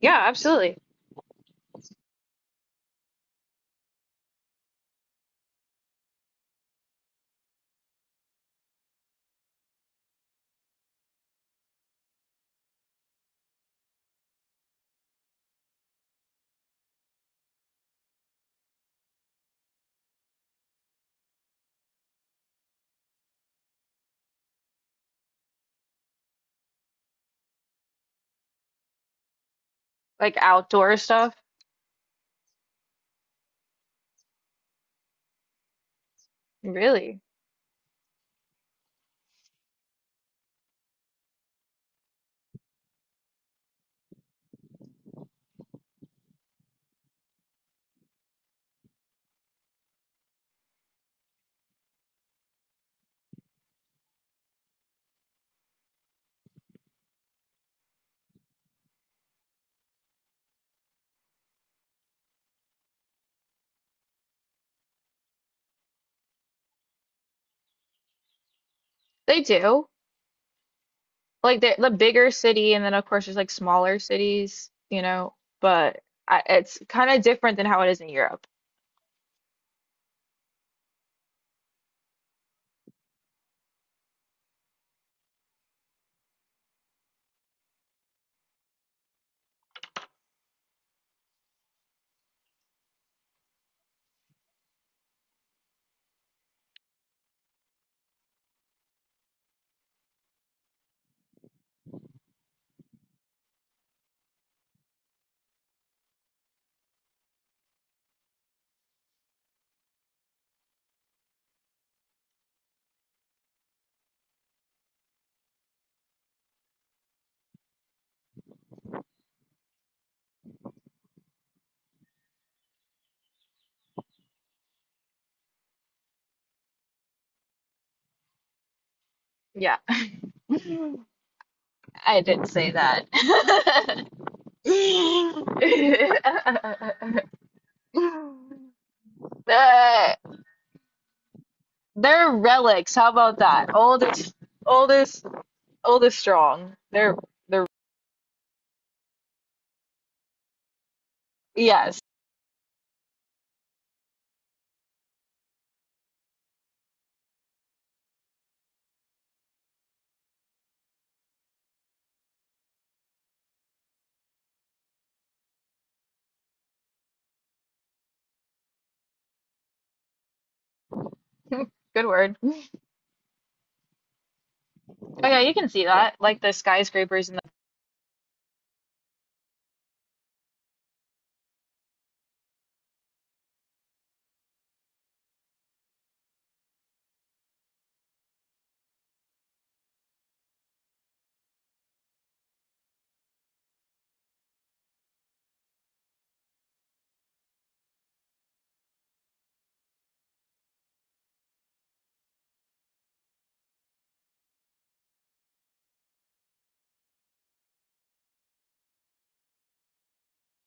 Yeah, absolutely. Like outdoor stuff. Really. They do. Like the bigger city, and then of course there's like smaller cities, you know, but it's kind of different than how it is in Europe. Yeah. I didn't say that. Uh, they're relics. How about that? Oldest, oldest, oldest strong. They're yes. Good word. Oh yeah, you can see that. Like the skyscrapers.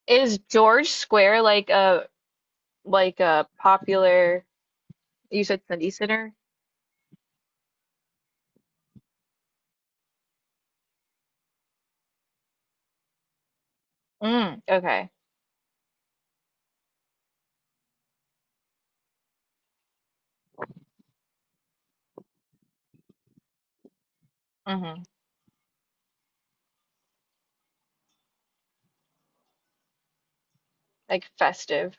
Is George Square like a popular, you said Sunday Center? Mm, okay. Mm-hmm. Like festive.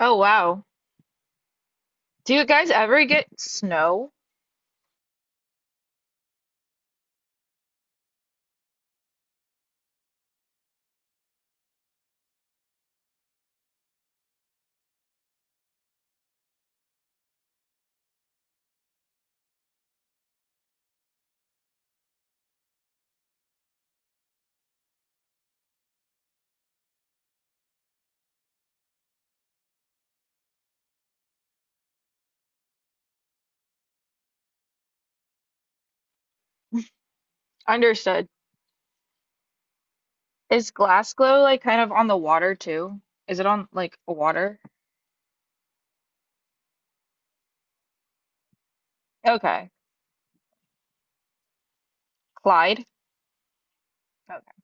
Oh wow. Do you guys ever get snow? Understood. Is Glasgow like kind of on the water too? Is it on like water? Okay. Clyde? Okay.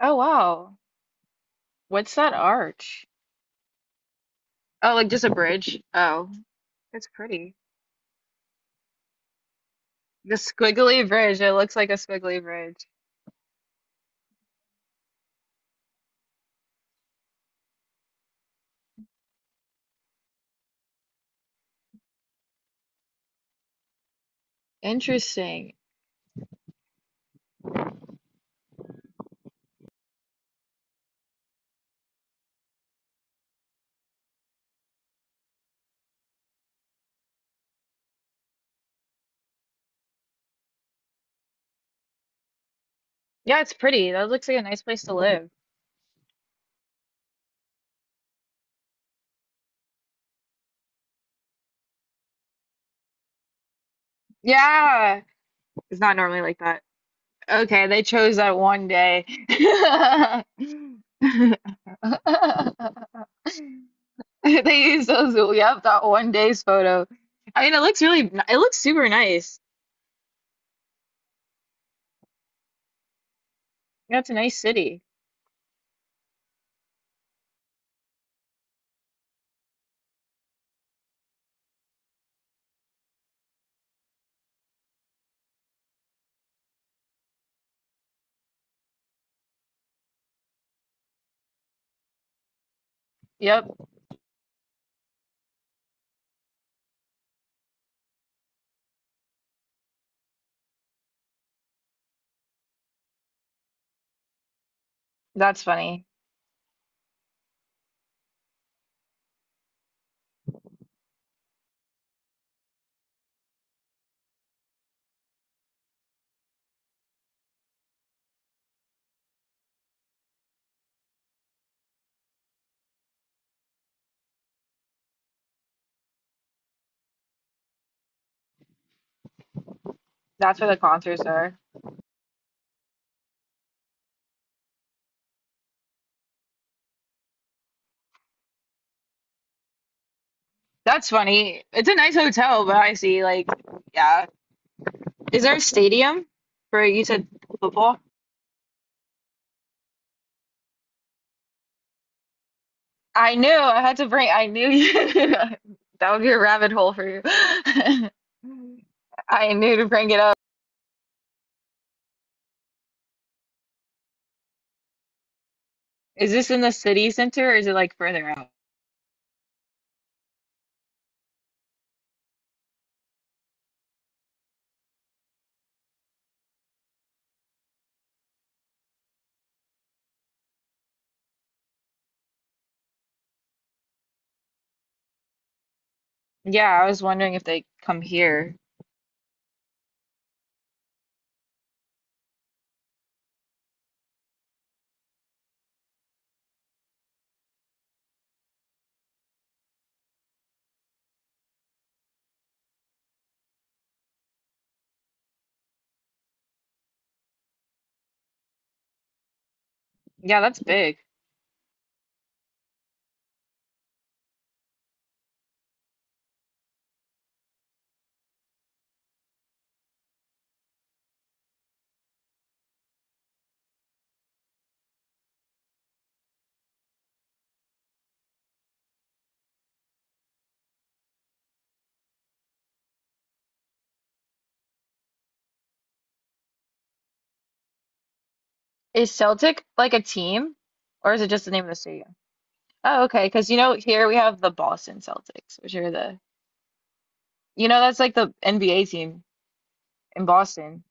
Oh wow. What's that arch? Oh, like just a bridge. Oh, it's pretty. The squiggly bridge. It looks like a squiggly bridge. Interesting. Yeah, it's pretty. That looks like a nice place to live. Yeah, it's not normally like that. Okay, they chose that one day. They used those, yep, that one day's photo. I mean, it looks really, n- it looks super nice. Yeah, it's a nice city. Yep, that's funny. That's where the concerts are. That's funny. It's a nice hotel, but I see, like, yeah. Is there a stadium for, you said football? I knew I had to bring, I knew you, that would be a rabbit hole for you. I knew to bring it up. Is this in the city center or is it like further out? Yeah, I was wondering if they come here. Yeah, that's big. Is Celtic like a team or is it just the name of the stadium? Oh, okay. Because you know, here we have the Boston Celtics, which are the, you know, that's like the NBA team in Boston.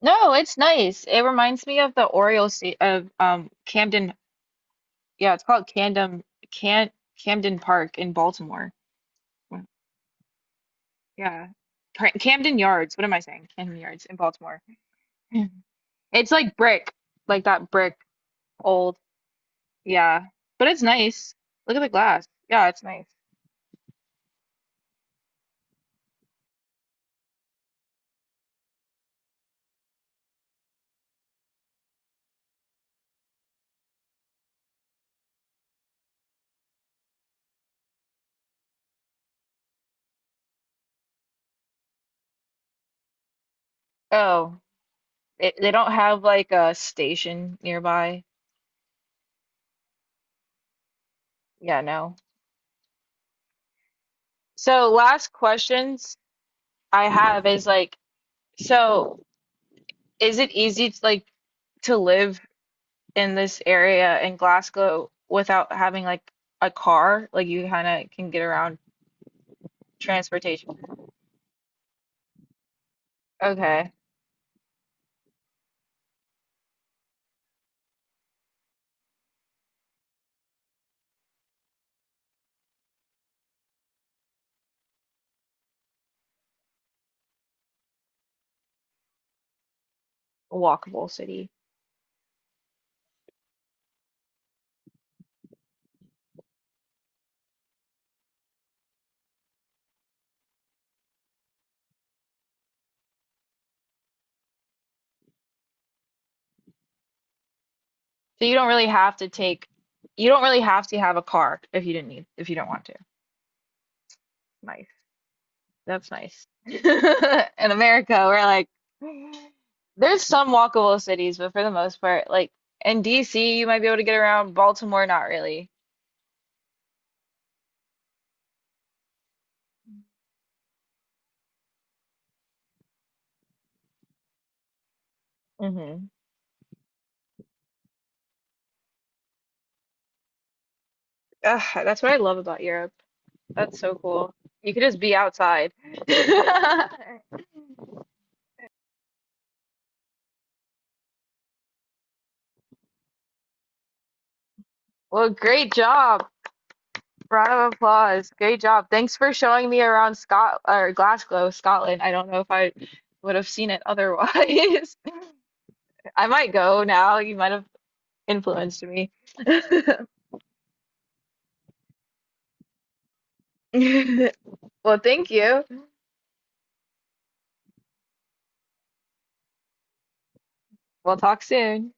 No, it's nice. It reminds me of the Orioles sta- of Camden. Yeah, it's called Camden. Can Camden Park in Baltimore. Mm, yeah. Pra- Camden Yards. What am I saying? Camden Yards in Baltimore. It's like brick, like that brick old. Yeah. But it's nice. Look at the glass. Yeah, it's nice. Oh, it, they don't have like a station nearby. Yeah, no. So last questions I have is like, so is it easy to like to live in this area in Glasgow without having like a car. Like you kind of can get around transportation. Okay, walkable city. So you don't really have to take, you don't really have to have a car if you didn't need, if you don't want to. Nice. That's nice. In America, we're like, there's some walkable cities, but for the most part, like in DC, you might be able to get around. Baltimore, not really. Hmm. Ugh, that's what I love about Europe. That's so cool. You could just be outside. Well, great job. Round of applause. Great job. Thanks for showing me around Scot or Glasgow, Scotland. I don't know if I would have seen it otherwise. I might go now. You might have influenced me. Well, thank you. We'll talk soon.